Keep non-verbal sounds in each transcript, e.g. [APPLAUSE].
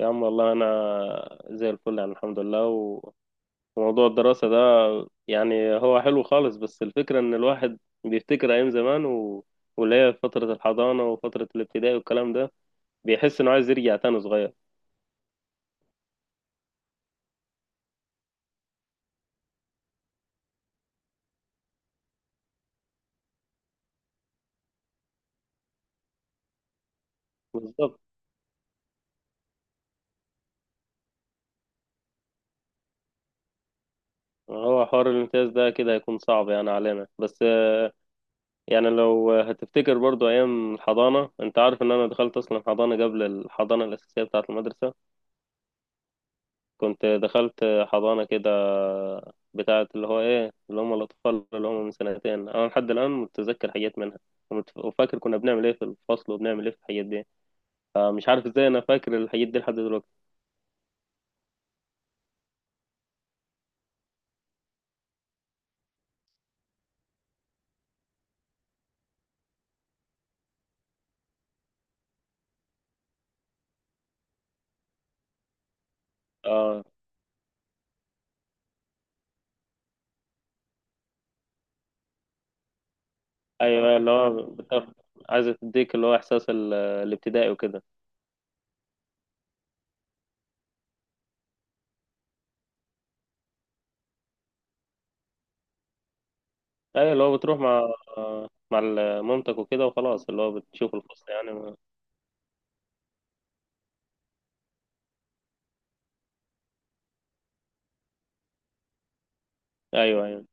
يا عم والله انا زي الفل يعني الحمد لله وموضوع الدراسة ده يعني هو حلو خالص بس الفكرة ان الواحد بيفتكر ايام زمان واللي هي فترة الحضانة وفترة الابتدائي والكلام ده بيحس انه عايز يرجع تاني صغير. بالظبط، هو حوار الامتياز ده كده هيكون صعب يعني علينا. بس يعني لو هتفتكر برضو ايام الحضانة، انت عارف ان انا دخلت اصلا حضانة قبل الحضانة الاساسية بتاعة المدرسة. كنت دخلت حضانة كده بتاعة اللي هو إيه اللي هم الأطفال اللي هم من سنتين. أنا لحد الآن متذكر حاجات منها، وفاكر كنا بنعمل إيه في الفصل وبنعمل إيه في الحاجات دي. فمش عارف إزاي أنا فاكر الحاجات دي لحد دلوقتي. آه، أيوه، عايزة تديك اللي هو إحساس الابتدائي وكده. أيوه، اللي هو بتروح مع مامتك وكده وخلاص، اللي هو بتشوف الفصل يعني أيوه أيوه،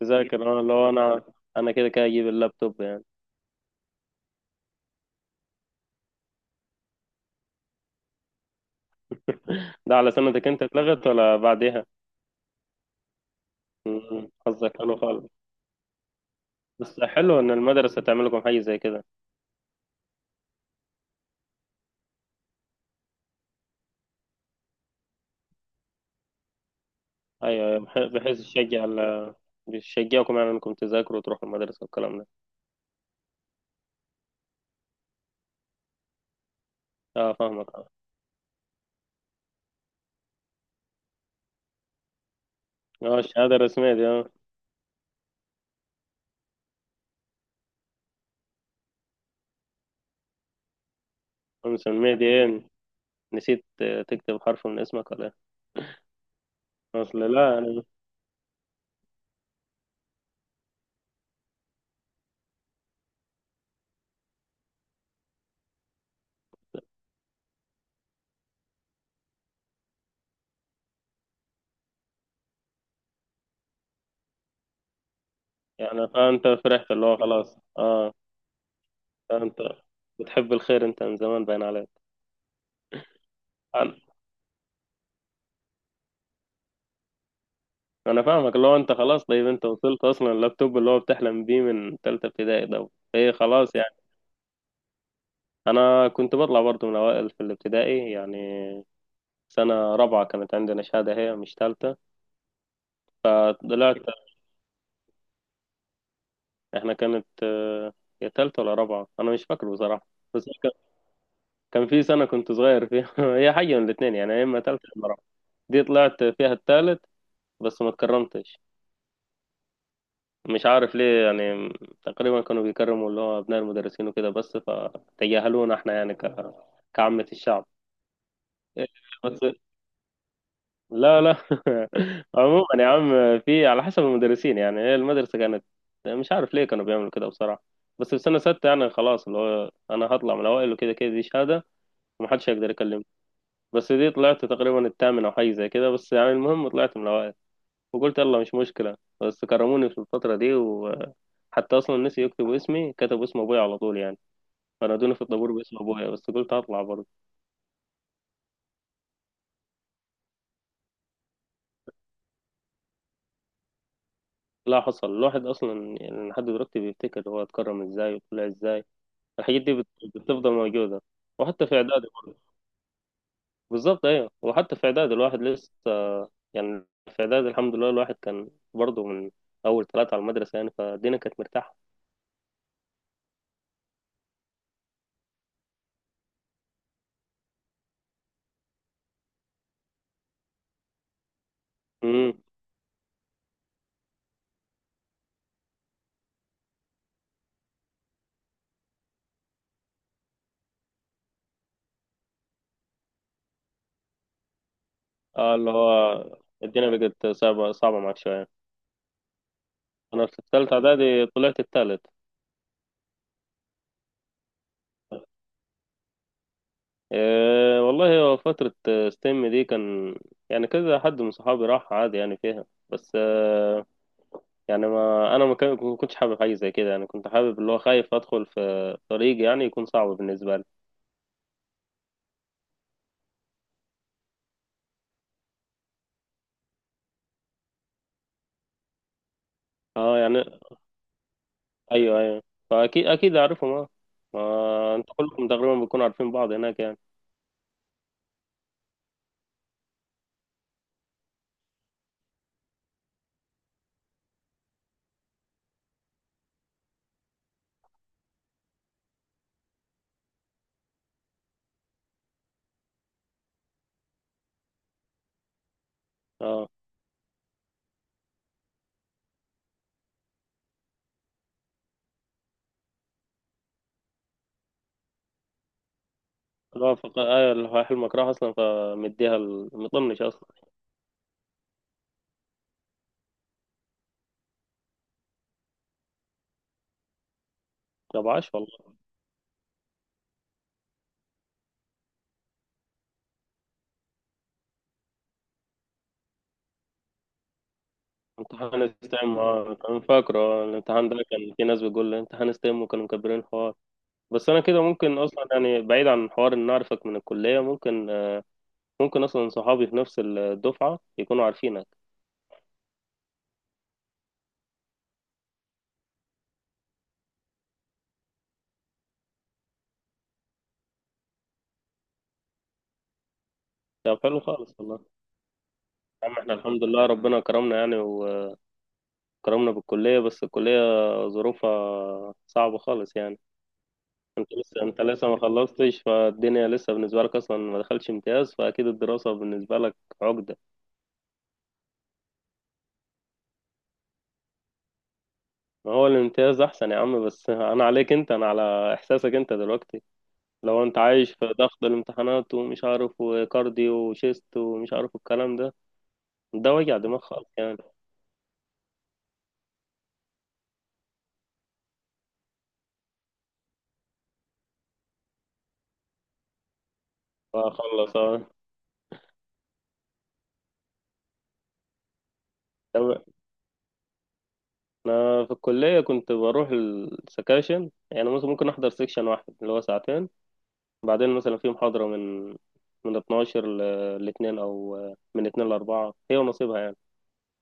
تذاكر، آه، اللي هو أنا أنا كده كده أجيب اللابتوب يعني. ده على سنتك أنت اتلغت ولا بعديها؟ مم. قصدك حلو خالص. بس حلو ان المدرسه تعمل لكم حاجه زي كده. ايوه أيوة، بحيث يشجع بيشجعكم يعني انكم تذاكروا وتروحوا المدرسه والكلام ده. اه فاهمك، اه. آه، الشهاده الرسميه دي، اه. مسميه دي ايه؟ نسيت. آه، تكتب حرف من اسمك ولا ايه؟ اصل لا يعني. يعني فانت فرحت، اللي هو خلاص، اه. انت بتحب الخير انت، من زمان باين عليك. انا، أنا فاهمك، اللي هو انت خلاص. طيب انت وصلت اصلا اللابتوب اللي هو بتحلم بيه من ثالثه ابتدائي ده. ايه خلاص. انا كنت بطلع برضو من اوائل في الابتدائي يعني. سنة رابعة كانت عندنا شهادة، هي مش تالتة. طلعت، احنا كانت، آه، يا تالتة ولا رابعة انا مش فاكر بصراحة. بس كان كان في سنة كنت صغير فيها [LAUGHS] هي حاجة من الاتنين يعني، يا اما تالتة يا اما رابعة. دي طلعت فيها التالت بس ما اتكرمتش. مش عارف ليه يعني. تقريبا كانوا بيكرموا اللي هو ابناء المدرسين وكده بس، فتجاهلونا احنا يعني كعامة الشعب. بس، لا لا [LAUGHS] عموما يا عم، في على حسب المدرسين. يعني هي المدرسة كانت، مش عارف ليه كانوا بيعملوا كده بصراحة. بس في سنة ستة يعني خلاص، اللي هو أنا هطلع من الأوائل وكده كده، دي شهادة ومحدش هيقدر يكلمني. بس دي طلعت تقريبا الثامن أو حاجة زي كده، بس يعني المهم طلعت من الأوائل وقلت يلا مش مشكلة. بس كرموني في الفترة دي، وحتى أصلا نسي يكتبوا اسمي، كتبوا اسم أبويا على طول يعني. فنادوني في الطابور باسم أبويا بس قلت هطلع برضه. لا حصل، الواحد أصلا يعني لحد دلوقتي بيفتكر هو اتكرم إزاي وطلع إزاي. الحاجات دي بتفضل موجودة. وحتى في إعدادي برضه. بالظبط أيوة، وحتى في إعدادي الواحد لسه، يعني في إعدادي الحمد لله الواحد كان برضه من أول ثلاثة على المدرسة يعني، فالدنيا كانت مرتاحة. امم، آه، اللي هو الدنيا بقت صعبة، صعبة معاك شوية. أنا في الثالثة إعدادي طلعت الثالث. إيه والله، هو فترة ستيم دي كان، يعني كذا حد من صحابي راح عادي يعني فيها، بس آه، يعني ما انا ما كان- ما كنتش حابب حاجه زي كده يعني. كنت حابب اللي هو خايف ادخل في طريق يعني يكون صعب بالنسبه لي. اه يعني، ايوه ايوه، فاكيد اكيد اعرفهم، اه. ما انت كلكم تقريبا بتكونوا عارفين بعض هناك يعني. اه. لا فق... ايوه، اللي هو حلمك راح اصلا فمديها مطمنش اصلا. طب عاش والله. امتحان استعم، اه، كان فاكره. آه، الامتحان ده كان في ناس بتقول لي امتحان استعم وكانوا مكبرين الحوار. بس انا كده ممكن اصلا يعني، بعيد عن حوار ان اعرفك من الكليه، ممكن ممكن اصلا صحابي في نفس الدفعه يكونوا عارفينك. طب حلو خالص والله. يا عم احنا الحمد لله ربنا كرمنا يعني، وكرمنا بالكليه، بس الكليه ظروفها صعبه خالص يعني. انت لسه، انت لسه ما خلصتش، فالدنيا لسه بالنسبه لك اصلا ما دخلش امتياز، فاكيد الدراسه بالنسبه لك عقده. ما هو الامتياز احسن يا عم، بس انا عليك انت، انا على احساسك انت دلوقتي. لو انت عايش في ضغط الامتحانات ومش عارف وكارديو وشيست ومش عارف الكلام ده، ده وجع دماغ خالص يعني. فخلص آه. تمام. انا في الكليه كنت بروح السكاشن، يعني مثلا ممكن احضر سكشن واحد اللي هو ساعتين، بعدين مثلا في محاضره من من 12 ل 2 او من 2 ل 4، هي ونصيبها يعني.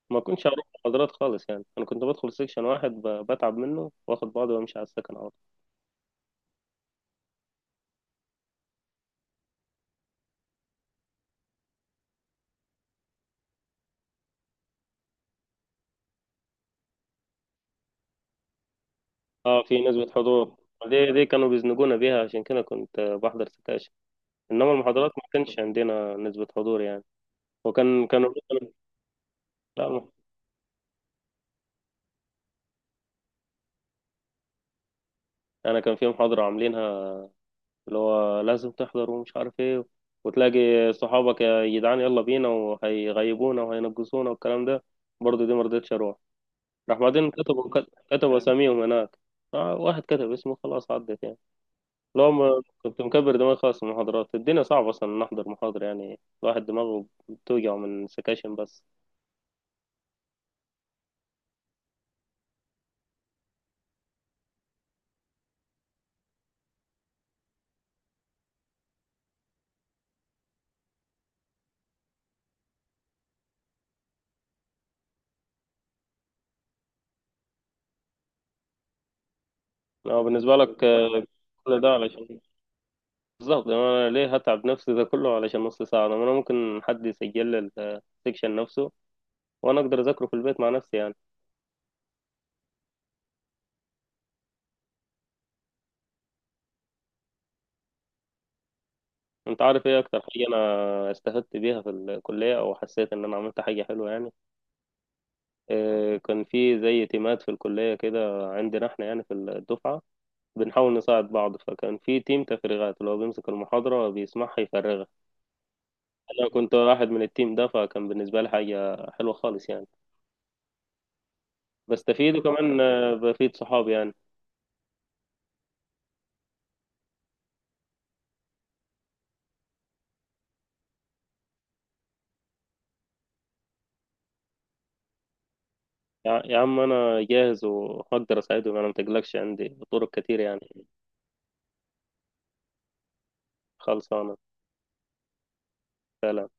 ما كنتش اروح محاضرات خالص يعني، انا كنت بدخل سكشن واحد بتعب منه واخد بعضي وامشي على السكن على طول. اه، في نسبه حضور، دي كانوا بيزنقونا بيها عشان كده كنت بحضر سكاشن. انما المحاضرات ما كانش عندنا نسبه حضور يعني. وكان كانوا لا انا كان في محاضره عاملينها اللي هو لازم تحضر ومش عارف ايه، وتلاقي صحابك يا جدعان يلا بينا، وهيغيبونا وهينقصونا والكلام ده. برضه دي مرضتش اروح. راح بعدين كتبوا كتبوا اساميهم هناك، آه، واحد كتب اسمه خلاص عدت يعني. لو ما كنت مكبر دماغي خلاص من المحاضرات، الدنيا صعبة أصلا نحضر محاضرة، يعني الواحد دماغه بتوجع من سكاشن بس. لو بالنسبة لك، آه، كل ده علشان، بالظبط. أنا ليه هتعب نفسي ده كله علشان نص ساعة؟ أنا ممكن حد يسجل لي السكشن نفسه وانا اقدر اذاكره في البيت مع نفسي يعني. انت عارف ايه اكتر حاجه انا استفدت بيها في الكليه او حسيت ان انا عملت حاجه حلوه يعني؟ إيه، كان في زي تيمات في الكليه كده عندنا احنا يعني في الدفعه، بنحاول نساعد بعض. فكان في تيم تفريغات اللي هو بيمسك المحاضره بيسمعها يفرغها، انا كنت واحد من التيم ده، فكان بالنسبه لي حاجه حلوه خالص يعني. بستفيد، وكمان آه، بفيد صحابي يعني. يا عم انا جاهز وهقدر اساعدهم، انا متقلقش عندي طرق كتير يعني. خلصانه. سلام.